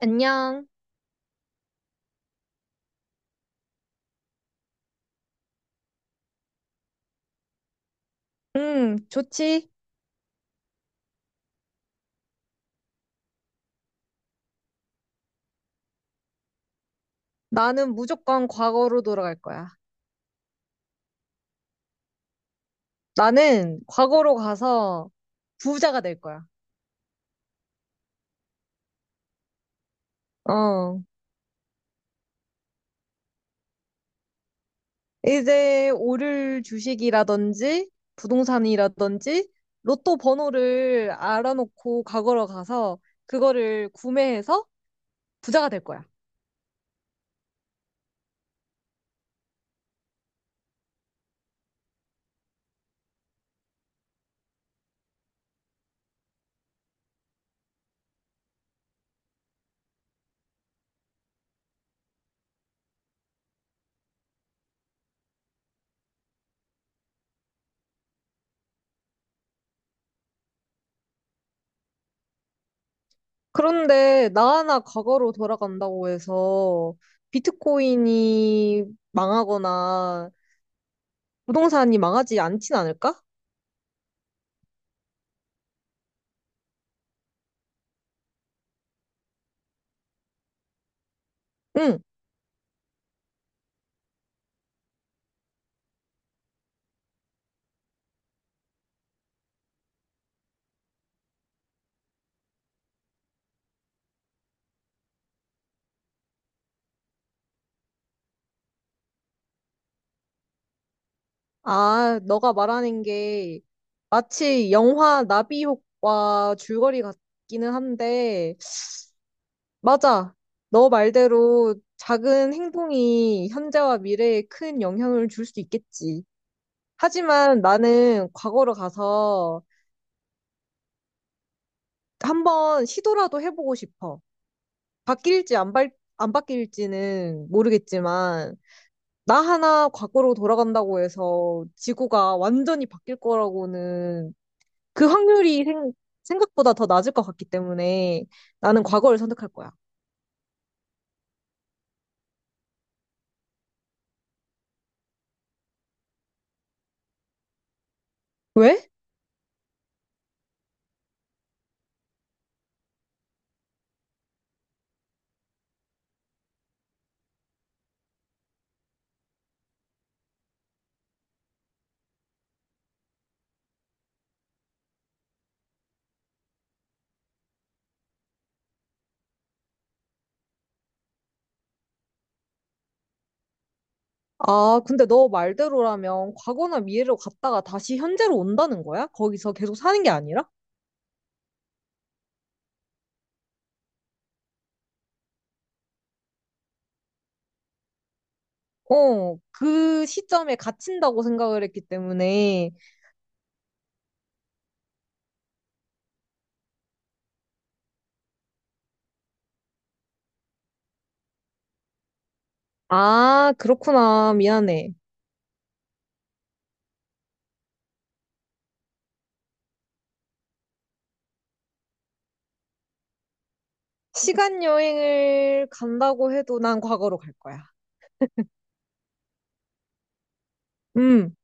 안녕. 좋지. 나는 무조건 과거로 돌아갈 거야. 나는 과거로 가서 부자가 될 거야. 어. 이제 오를 주식이라든지 부동산이라든지 로또 번호를 알아놓고 과거로 가서 그거를 구매해서 부자가 될 거야. 그런데 나 하나 과거로 돌아간다고 해서 비트코인이 망하거나 부동산이 망하지 않진 않을까? 응. 아, 너가 말하는 게 마치 영화 나비효과 줄거리 같기는 한데, 맞아. 너 말대로 작은 행동이 현재와 미래에 큰 영향을 줄 수 있겠지. 하지만 나는 과거로 가서 한번 시도라도 해보고 싶어. 바뀔지 안 바뀔지는 모르겠지만, 나 하나 과거로 돌아간다고 해서 지구가 완전히 바뀔 거라고는 그 확률이 생각보다 더 낮을 것 같기 때문에 나는 과거를 선택할 거야. 왜? 아, 근데 너 말대로라면 과거나 미래로 갔다가 다시 현재로 온다는 거야? 거기서 계속 사는 게 아니라? 어, 그 시점에 갇힌다고 생각을 했기 때문에. 아, 그렇구나. 미안해. 시간 여행을 간다고 해도 난 과거로 갈 거야. 음.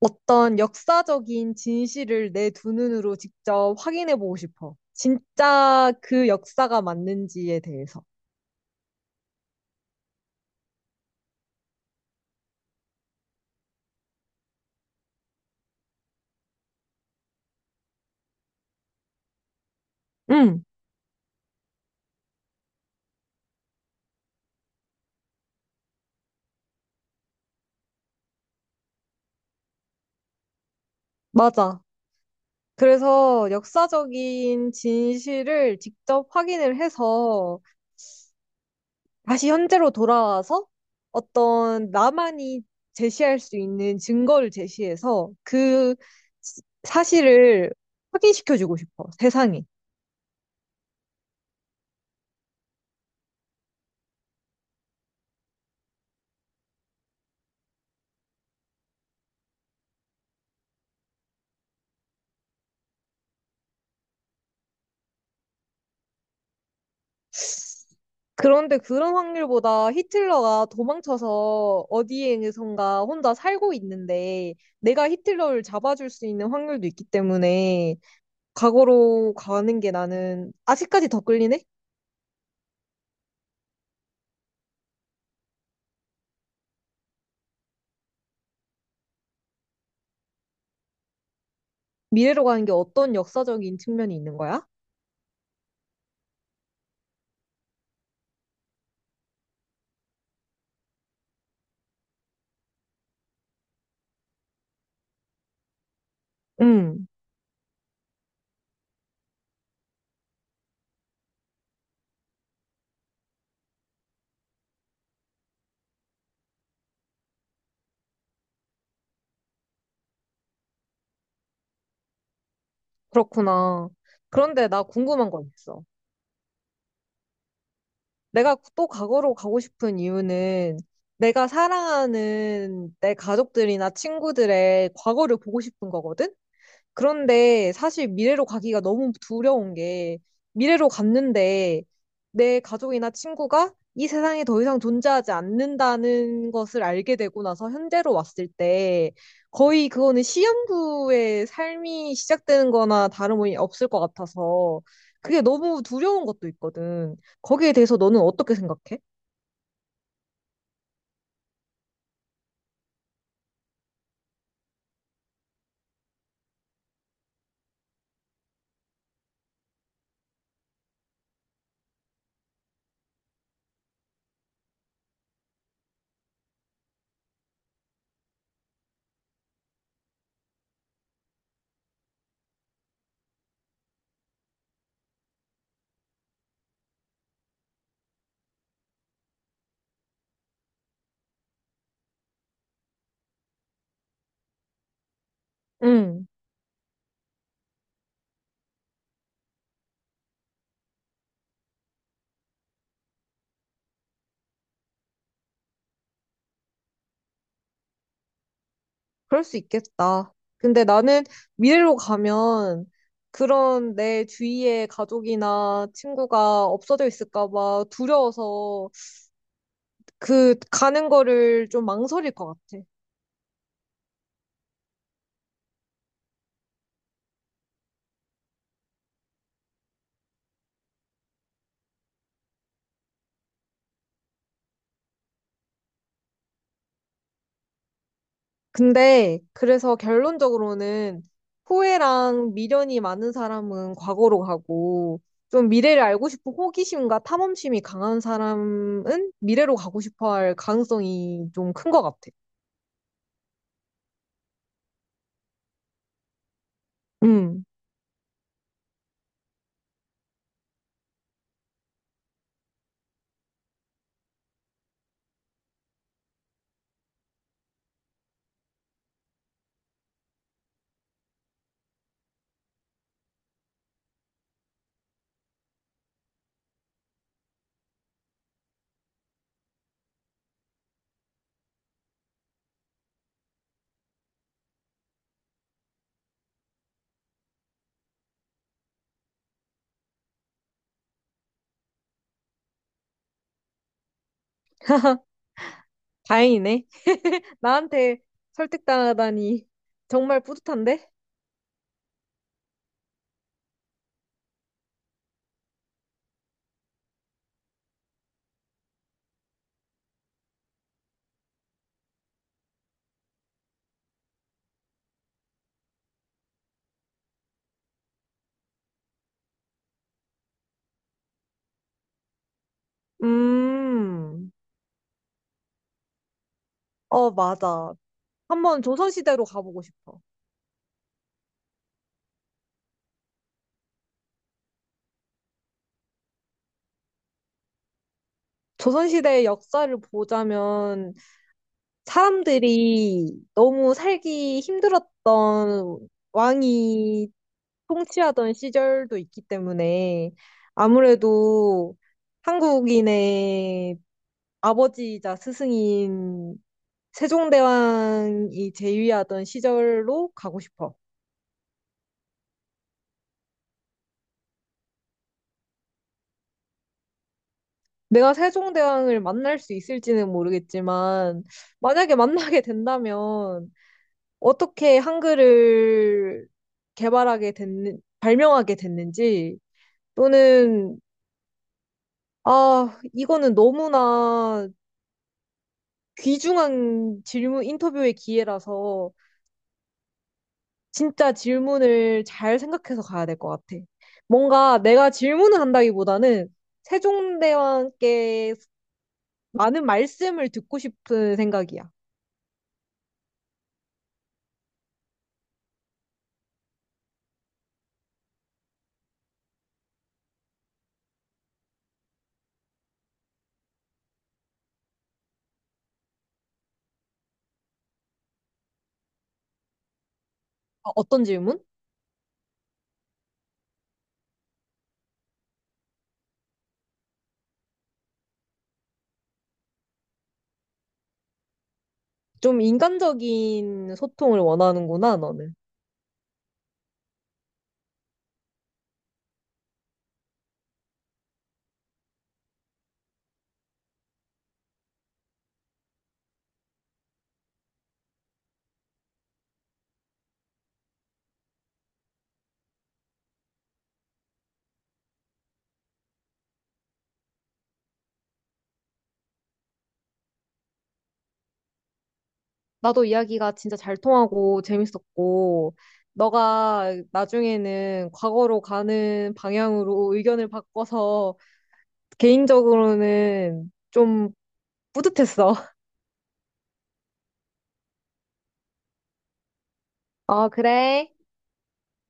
어떤 역사적인 진실을 내 두 눈으로 직접 확인해 보고 싶어. 진짜 그 역사가 맞는지에 대해서. 응, 맞아. 그래서 역사적인 진실을 직접 확인을 해서 다시 현재로 돌아와서 어떤 나만이 제시할 수 있는 증거를 제시해서 그 사실을 확인시켜 주고 싶어, 세상에. 그런데 그런 확률보다 히틀러가 도망쳐서 어디에선가 혼자 살고 있는데 내가 히틀러를 잡아줄 수 있는 확률도 있기 때문에 과거로 가는 게 나는 아직까지 더 끌리네? 미래로 가는 게 어떤 역사적인 측면이 있는 거야? 음, 그렇구나. 그런데 나 궁금한 거 있어. 내가 또 과거로 가고 싶은 이유는 내가 사랑하는 내 가족들이나 친구들의 과거를 보고 싶은 거거든? 그런데 사실 미래로 가기가 너무 두려운 게 미래로 갔는데 내 가족이나 친구가 이 세상에 더 이상 존재하지 않는다는 것을 알게 되고 나서 현재로 왔을 때 거의 그거는 시한부의 삶이 시작되는 거나 다름이 없을 것 같아서 그게 너무 두려운 것도 있거든. 거기에 대해서 너는 어떻게 생각해? 그럴 수 있겠다. 근데 나는 미래로 가면 그런 내 주위에 가족이나 친구가 없어져 있을까 봐 두려워서 그 가는 거를 좀 망설일 것 같아. 근데 그래서 결론적으로는 후회랑 미련이 많은 사람은 과거로 가고 좀 미래를 알고 싶은 호기심과 탐험심이 강한 사람은 미래로 가고 싶어 할 가능성이 좀 큰 것 같아. 음, 다행이네. 나한테 설득당하다니 정말 뿌듯한데? 음, 어, 맞아. 한번 조선시대로 가보고 싶어. 조선시대의 역사를 보자면 사람들이 너무 살기 힘들었던 왕이 통치하던 시절도 있기 때문에 아무래도 한국인의 아버지이자 스승인 세종대왕이 재위하던 시절로 가고 싶어. 내가 세종대왕을 만날 수 있을지는 모르겠지만, 만약에 만나게 된다면, 어떻게 한글을 발명하게 됐는지, 또는, 아, 이거는 너무나 귀중한 질문, 인터뷰의 기회라서, 진짜 질문을 잘 생각해서 가야 될 것 같아. 뭔가 내가 질문을 한다기보다는, 세종대왕께 많은 말씀을 듣고 싶은 생각이야. 어, 어떤 질문? 좀 인간적인 소통을 원하는구나, 너는. 나도 이야기가 진짜 잘 통하고 재밌었고, 너가 나중에는 과거로 가는 방향으로 의견을 바꿔서 개인적으로는 좀 뿌듯했어. 어, 그래.